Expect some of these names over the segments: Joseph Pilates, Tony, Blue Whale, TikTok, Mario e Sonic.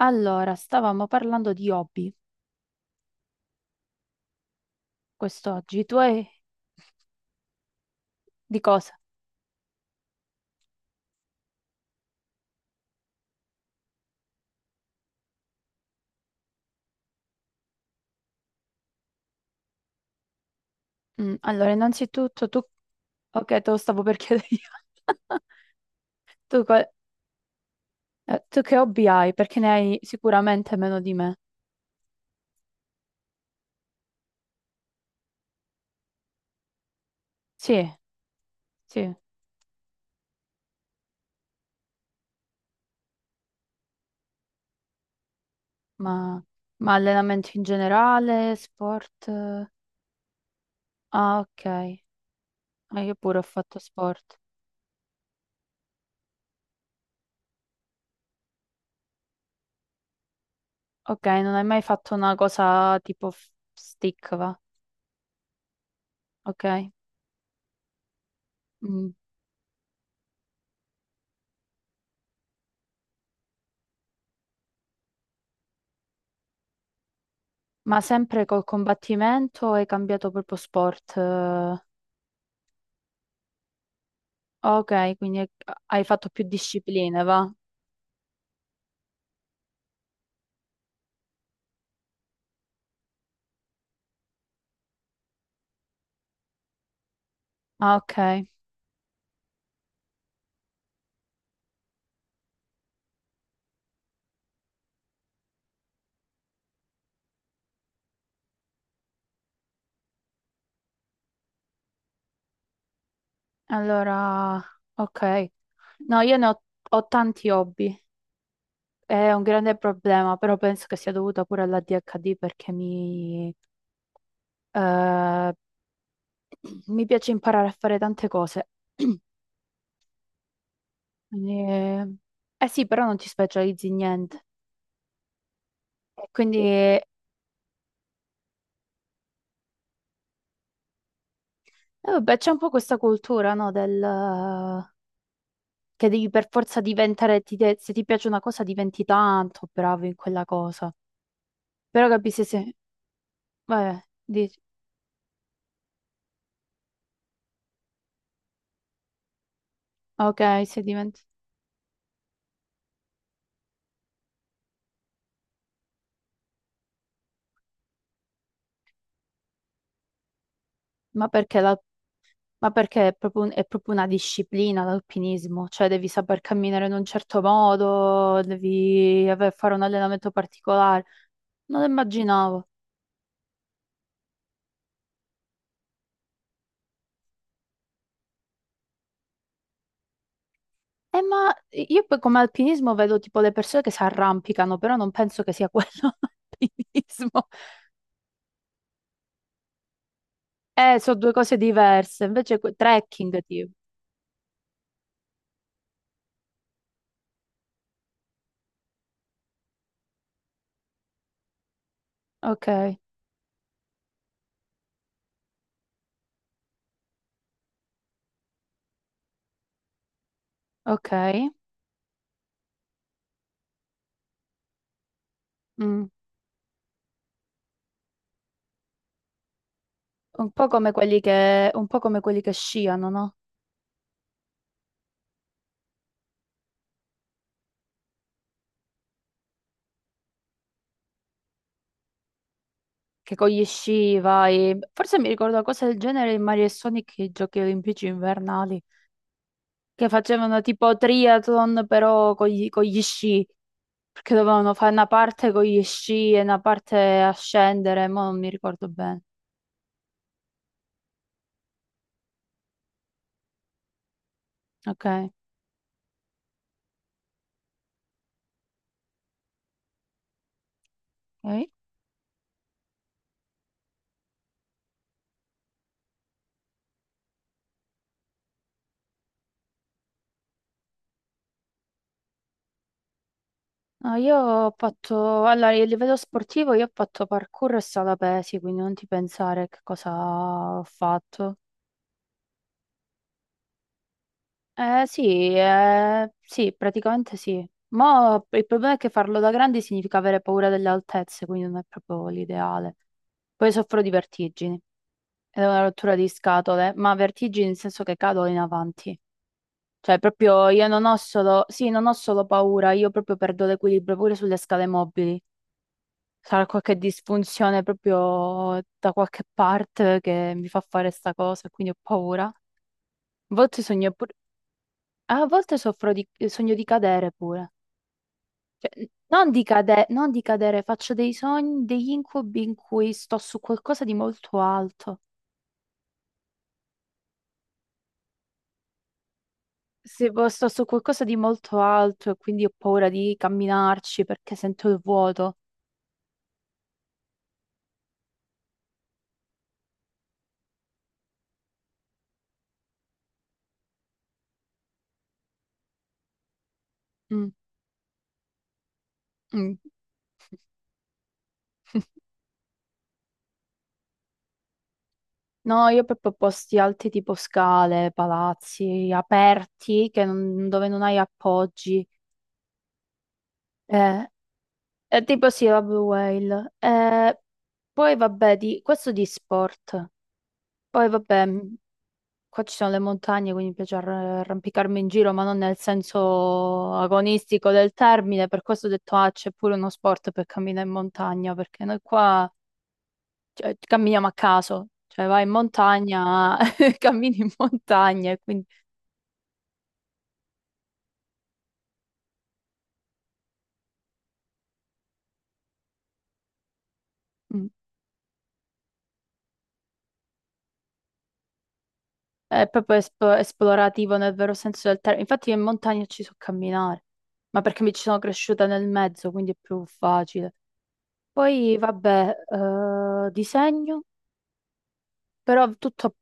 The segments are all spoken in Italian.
Allora, stavamo parlando di hobby quest'oggi. Tu hai... di cosa? Allora, innanzitutto tu... Ok, te lo stavo per chiedere io. Tu, tu che hobby hai? Perché ne hai sicuramente meno di me. Sì, sì, ma, ma allenamenti in generale, sport... eh? Ah, ok. Ah, io pure ho fatto sport. Ok, non hai mai fatto una cosa tipo f- stick, va? Ok. Mm. Ma sempre col combattimento o hai cambiato proprio sport? Eh? Ok, quindi hai fatto più discipline, va? Ah, ok. Allora, ok. No, ho tanti hobby. È un grande problema, però penso che sia dovuta pure all'ADHD perché eh, mi piace imparare a fare tante cose. Quindi, eh sì, però non ti specializzi in niente. E Quindi, eh, Vabbè, c'è un po' questa cultura, no, del... Che devi per forza diventare, ti de- se ti piace una cosa diventi tanto bravo in quella cosa. Però capisci se, vabbè, dici, ok, se diventi, ma perché, ma perché è proprio, è proprio una disciplina l'alpinismo, cioè devi saper camminare in un certo modo, devi aver- fare un allenamento particolare. Non lo immaginavo. Ma io poi come alpinismo vedo tipo le persone che si arrampicano, però non penso che sia quello l'alpinismo. Sono due cose diverse, invece que- trekking tipo. Ok, ok. Mm. Un po' come quelli che, un po' come quelli che sciano, no? Che con gli sci vai. Forse mi ricordo una cosa del genere in Mario e Sonic, i giochi olimpici invernali, che facevano tipo triathlon però con gli sci, perché dovevano fare una parte con gli sci e una parte a scendere, ma non mi ricordo bene. Ok, ok. No, io ho fatto, allora, a livello sportivo io ho fatto parkour e sala pesi, quindi non ti pensare che cosa ho fatto. Sì, sì, praticamente sì. Ma il problema è che farlo da grandi significa avere paura delle altezze, quindi non è proprio l'ideale. Poi soffro di vertigini, ed è una rottura di scatole, ma vertigini nel senso che cado in avanti. Cioè, proprio io non ho solo, sì, non ho solo paura, io proprio perdo l'equilibrio pure sulle scale mobili. Sarà qualche disfunzione proprio da qualche parte che mi fa fare sta cosa, quindi ho paura. A volte sogno pure, a volte sogno di cadere pure. Cioè, non di cade- non di cadere, faccio dei sogni, degli incubi in cui sto su qualcosa di molto alto. Se po- sto su qualcosa di molto alto e quindi ho paura di camminarci perché sento il vuoto. Mm, mm. No, io proprio posti alti tipo scale, palazzi aperti che non- dove non hai appoggi. Eh, è tipo sì, la Blue Whale. Poi vabbè, di, questo di sport. Poi vabbè. Qua ci sono le montagne, quindi mi piace arrampicarmi in giro, ma non nel senso agonistico del termine. Per questo ho detto, ah, c'è pure uno sport per camminare in montagna, perché noi qua, cioè, camminiamo a caso. Cioè, vai in montagna, cammini in montagna, e quindi mm, è proprio esp- esplorativo nel vero senso del termine. Infatti io in montagna ci so camminare, ma perché mi ci sono cresciuta nel mezzo, quindi è più facile. Poi, vabbè, disegno, però tutto...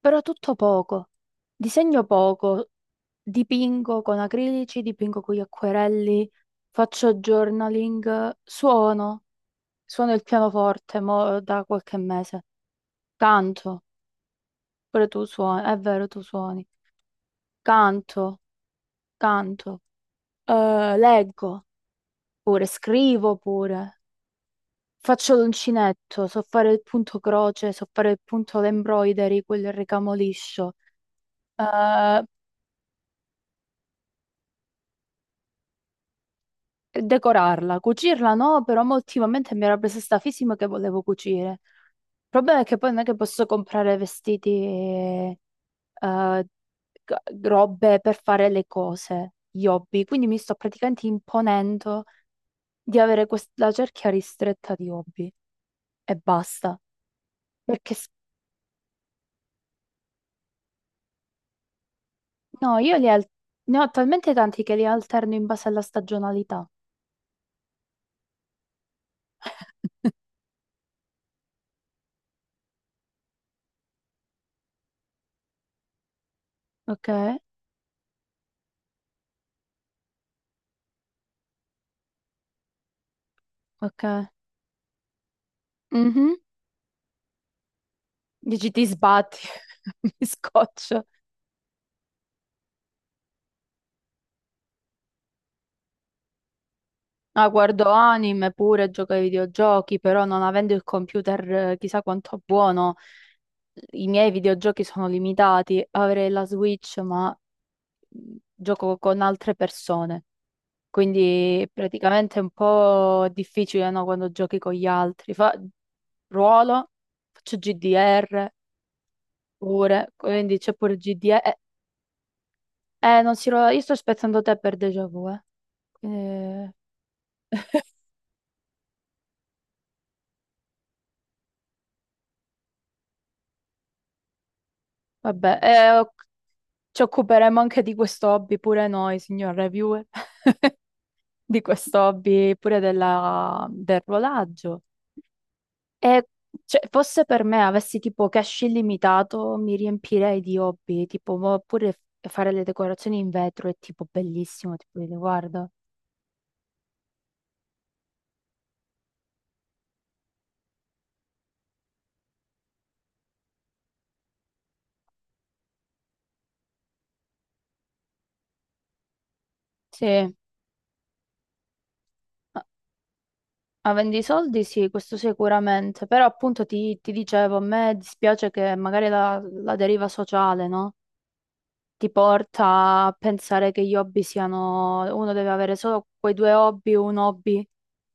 Però tutto poco. Disegno poco, dipingo con acrilici, dipingo con gli acquerelli, faccio journaling, suono, suono il pianoforte mo da qualche mese. Canto, pure tu suoni, è vero, tu suoni. Canto, canto, eh, leggo pure, scrivo pure. Faccio l'uncinetto, so fare il punto croce, so fare il punto l'embroidery, quel ricamo liscio. Eh, Decorarla, cucirla no, però mo ultimamente mi era presa sta fisima che volevo cucire. Il problema è che poi non è che posso comprare vestiti e eh, g- robe per fare le cose, gli hobby, quindi mi sto praticamente imponendo di avere quest- la cerchia ristretta di hobby e basta. Perché s- no, io li al- ne ho talmente tanti che li alterno in base alla stagionalità. Ok, ok. Mhm. Dici ti sbatti, mi scoccio. Ah, guardo anime pure, gioco ai videogiochi, però non avendo il computer chissà quanto buono, i miei videogiochi sono limitati. Avrei la Switch, ma gioco con altre persone. Quindi praticamente è un po' difficile, no, quando giochi con gli altri. Fa... Ruolo, faccio GDR pure, quindi c'è pure GDR. Non si ruola, io sto aspettando te per déjà vu, eh. Quindi, vabbè, ok. Ci occuperemo anche di questo hobby pure noi, signor reviewer, di questo hobby pure della- del rodaggio. E cioè, fosse per me avessi tipo cash illimitato, mi riempirei di hobby, tipo mo- pure f- fare le decorazioni in vetro è tipo bellissimo, tipo dico, guarda. Sì, a- avendo i soldi sì, questo sicuramente, però appunto ti, ti dicevo, a me dispiace che magari la, la deriva sociale, no? Ti porta a pensare che gli hobby siano, uno deve avere solo quei due hobby, un hobby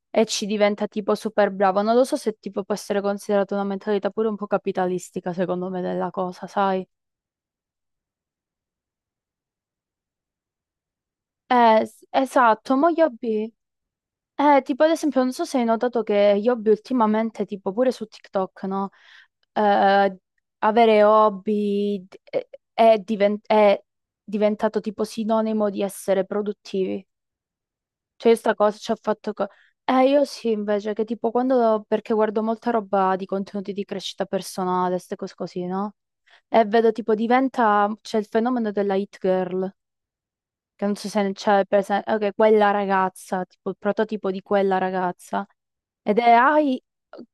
e ci diventa tipo super bravo. Non lo so se tipo può essere considerata una mentalità pure un po' capitalistica, secondo me, della cosa, sai? S- esatto, ma gli hobby. Tipo ad esempio, non so se hai notato che gli hobby ultimamente, tipo pure su TikTok, no? Eh, Avere hobby è, è diventato tipo sinonimo di essere produttivi. Cioè, io sta cosa ci ha fatto... co- io sì, invece, che tipo quando... Perché guardo molta roba di contenuti di crescita personale, queste cose così, no? E vedo tipo diventa... C'è il fenomeno della hit girl, che non so se ne c'è presente... Ok, quella ragazza, tipo il prototipo di quella ragazza. Ed è, hai...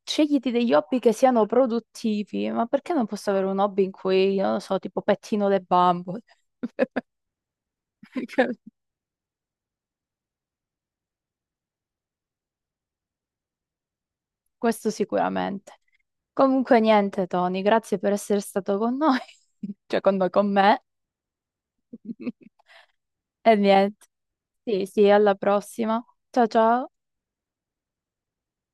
Scegliti degli hobby che siano produttivi, ma perché non posso avere un hobby in cui, non lo so, tipo pettino le bambole? Questo sicuramente. Comunque niente, Tony, grazie per essere stato con noi, cioè con noi, con me. E niente, sì, sì, alla prossima. Ciao ciao.